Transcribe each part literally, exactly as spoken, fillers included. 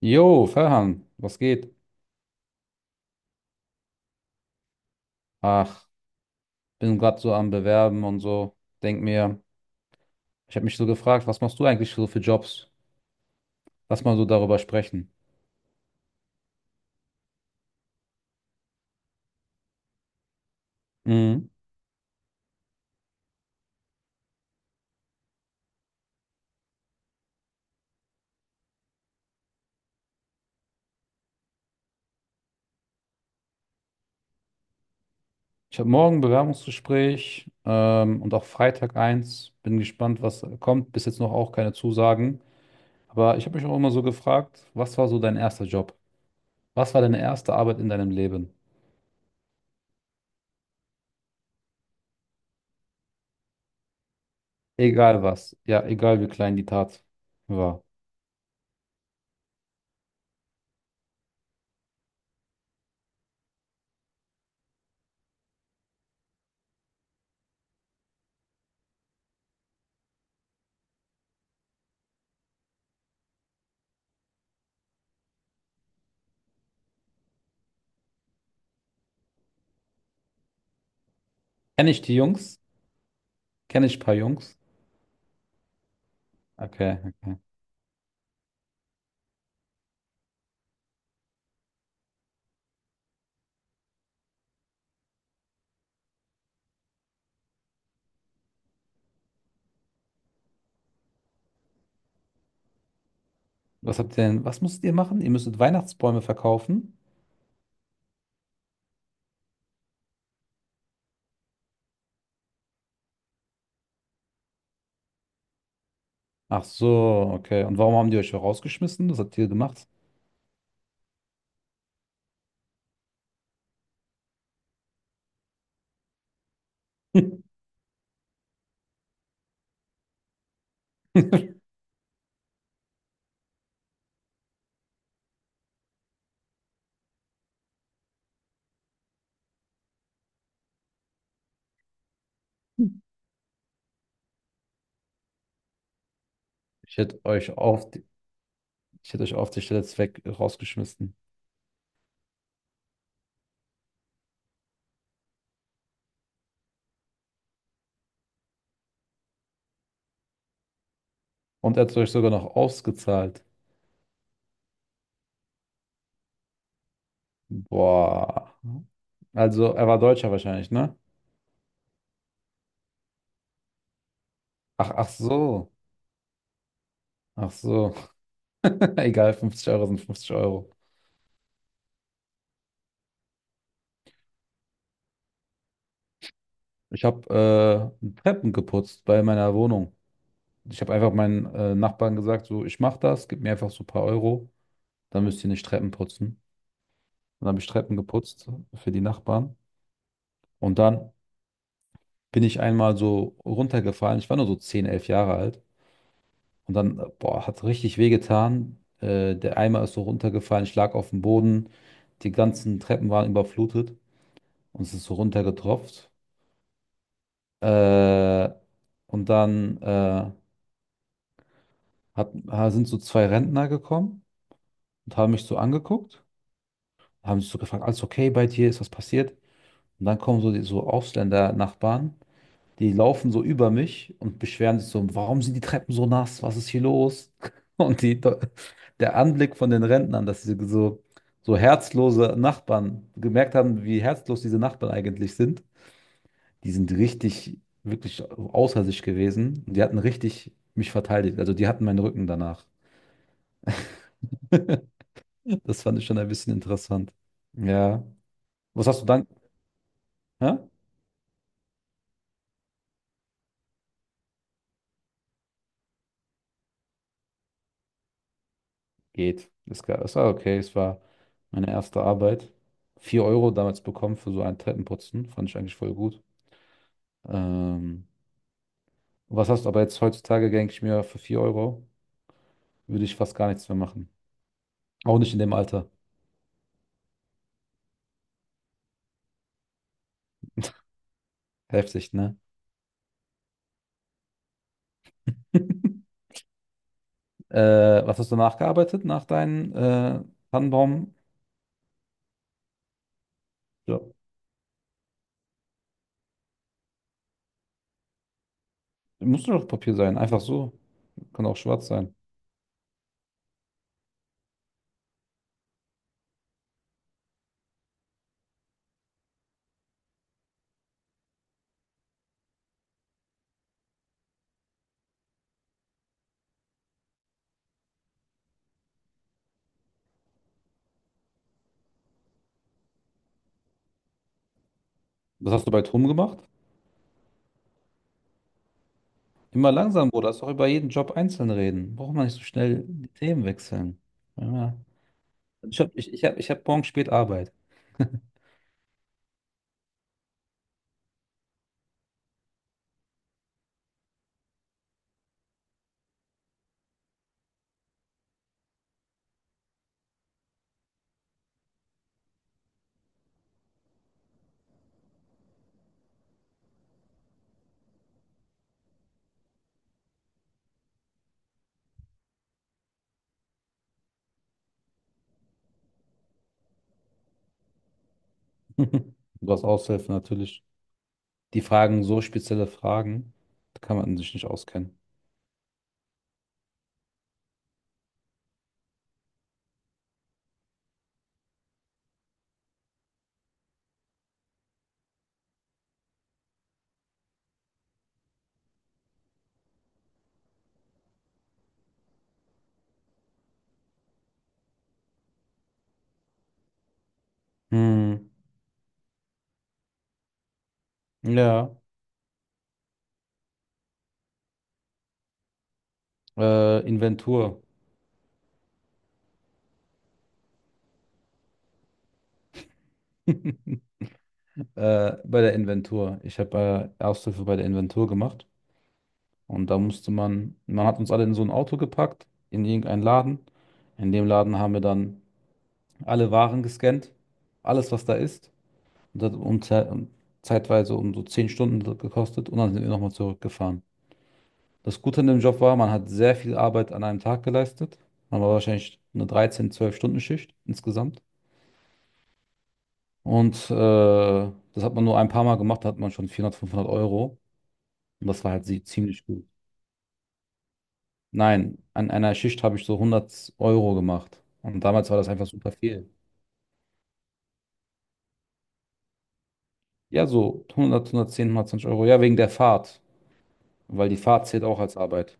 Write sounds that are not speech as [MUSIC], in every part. Jo, Ferhan, was geht? Ach, bin gerade so am Bewerben und so. Denk mir, ich habe mich so gefragt, was machst du eigentlich so für Jobs? Lass mal so darüber sprechen. Mhm. Ich habe morgen ein Bewerbungsgespräch, ähm, und auch Freitag eins. Bin gespannt, was kommt. Bis jetzt noch auch keine Zusagen. Aber ich habe mich auch immer so gefragt, was war so dein erster Job? Was war deine erste Arbeit in deinem Leben? Egal was. Ja, egal wie klein die Tat war. Kenne ich die Jungs? Kenne ich ein paar Jungs? Okay, okay. Was habt ihr denn, was musstet ihr machen? Ihr müsstet Weihnachtsbäume verkaufen. Ach so, okay. Und warum haben die euch rausgeschmissen? Was habt ihr gemacht? [LAUGHS] Ich hätte euch auf die, ich hätte euch auf der Stelle weg rausgeschmissen. Und er hat euch sogar noch ausgezahlt. Boah. Also, er war Deutscher wahrscheinlich, ne? Ach, ach so. Ach so. [LAUGHS] Egal, fünfzig Euro sind fünfzig Euro. Ich habe äh, Treppen geputzt bei meiner Wohnung. Ich habe einfach meinen äh, Nachbarn gesagt, so, ich mache das, gib mir einfach so ein paar Euro, dann müsst ihr nicht Treppen putzen. Dann habe ich Treppen geputzt für die Nachbarn. Und dann bin ich einmal so runtergefallen. Ich war nur so zehn elf Jahre alt. Und dann, äh, boah, hat richtig wehgetan. Äh, der Eimer ist so runtergefallen. Ich lag auf dem Boden. Die ganzen Treppen waren überflutet. Und es ist so runtergetropft. Äh, und dann äh, hat, ha- sind so zwei Rentner gekommen und haben mich so angeguckt. Haben sich so gefragt, alles okay bei dir? Ist was passiert? Und dann kommen so die so Ausländer-Nachbarn. Die laufen so über mich und beschweren sich so, warum sind die Treppen so nass? Was ist hier los? [LAUGHS] Und die, der Anblick von den Rentnern, dass sie so, so herzlose Nachbarn gemerkt haben, wie herzlos diese Nachbarn eigentlich sind, die sind richtig, wirklich außer sich gewesen. Und die hatten richtig mich verteidigt. Also die hatten meinen Rücken danach. [LAUGHS] Das fand ich schon ein bisschen interessant. Ja. Was hast du dann? Hä? Geht. Es war, es war okay. Es war meine erste Arbeit. Vier Euro damals bekommen für so einen Treppenputzen. Fand ich eigentlich voll gut. Ähm, Was hast du aber jetzt heutzutage, denke ich mir, für vier Euro würde ich fast gar nichts mehr machen. Auch nicht in dem Alter. Heftig, ne? [LAUGHS] Äh, was hast du nachgearbeitet nach deinem äh, Tannenbaum? Ja. Muss doch Papier sein, einfach so. Kann auch schwarz sein. Was hast du bei Tom gemacht? Immer langsam, Bruder. Lass doch über jeden Job einzeln reden. Braucht man nicht so schnell die Themen wechseln. Ja. Ich habe ich, ich hab, ich hab morgen spät Arbeit. [LAUGHS] Du hast Aushilfe natürlich. Die fragen so spezielle Fragen, da kann man sich nicht auskennen. Hm. Ja, äh, Inventur. [LAUGHS] Äh, bei der Inventur. Ich habe äh, Aushilfe bei der Inventur gemacht. Und da musste man, man hat uns alle in so ein Auto gepackt, in irgendeinen Laden. In dem Laden haben wir dann alle Waren gescannt, alles, was da ist. Und das hat um, Ze- um, zeitweise um so zehn Stunden gekostet. Und dann sind wir nochmal zurückgefahren. Das Gute an dem Job war, man hat sehr viel Arbeit an einem Tag geleistet. Man war wahrscheinlich eine dreizehn, zwölf-Stunden-Schicht insgesamt. Und äh, das hat man nur ein paar Mal gemacht, da hat man schon vierhundert, fünfhundert Euro. Und das war halt sie- ziemlich gut. Nein, an einer Schicht habe ich so hundert Euro gemacht. Und damals war das einfach super viel. Ja, so hundert, hundertzehn, hundertzwanzig Euro. Ja, wegen der Fahrt. Weil die Fahrt zählt auch als Arbeit.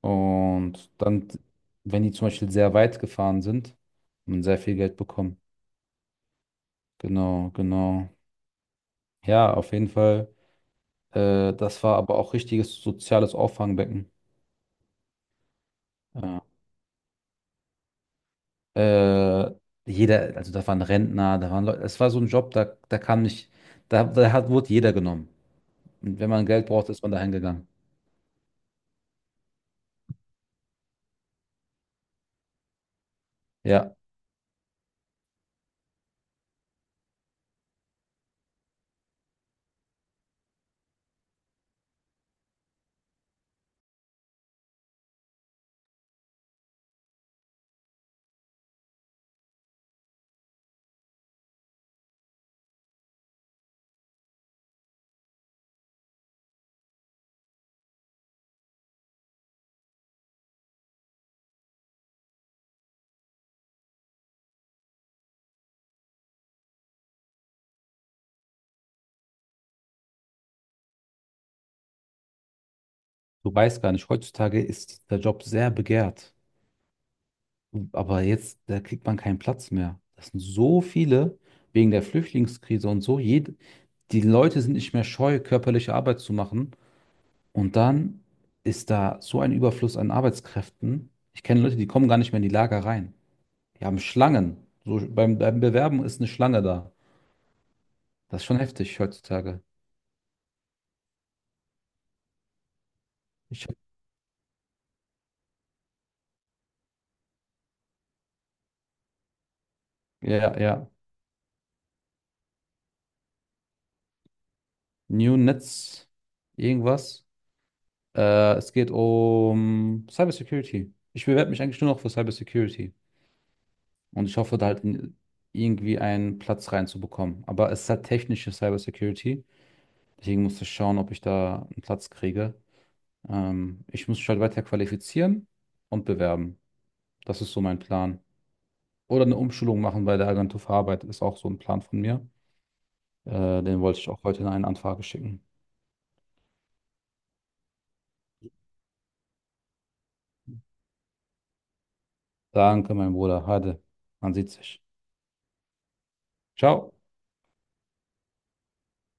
Und dann, wenn die zum Beispiel sehr weit gefahren sind, haben man sehr viel Geld bekommen. Genau, genau. Ja, auf jeden Fall. Äh, das war aber auch richtiges soziales Auffangbecken. Ja. Äh, Jeder, also da waren Rentner, da waren Leute, es war so ein Job, da, da kam nicht, da, da hat, wurde jeder genommen. Und wenn man Geld braucht, ist man dahin gegangen. Ja, du weißt gar nicht, heutzutage ist der Job sehr begehrt. Aber jetzt, da kriegt man keinen Platz mehr. Das sind so viele wegen der Flüchtlingskrise und so. Jed, die Leute sind nicht mehr scheu, körperliche Arbeit zu machen. Und dann ist da so ein Überfluss an Arbeitskräften. Ich kenne Leute, die kommen gar nicht mehr in die Lager rein. Die haben Schlangen. So beim, beim Bewerben ist eine Schlange da. Das ist schon heftig heutzutage. Ich, ja, ja. New Netz, irgendwas. Äh, es geht um Cybersecurity. Ich bewerbe mich eigentlich nur noch für Cybersecurity. Und ich hoffe, da halt in- irgendwie einen Platz reinzubekommen. Aber es ist halt technische Cybersecurity. Deswegen muss ich schauen, ob ich da einen Platz kriege. Ähm, ich muss mich halt weiter qualifizieren und bewerben. Das ist so mein Plan. Oder eine Umschulung machen bei der Agentur für Arbeit ist auch so ein Plan von mir. Äh, Den wollte ich auch heute in eine Anfrage schicken. Danke, mein Bruder. Hade. Man sieht sich. Ciao.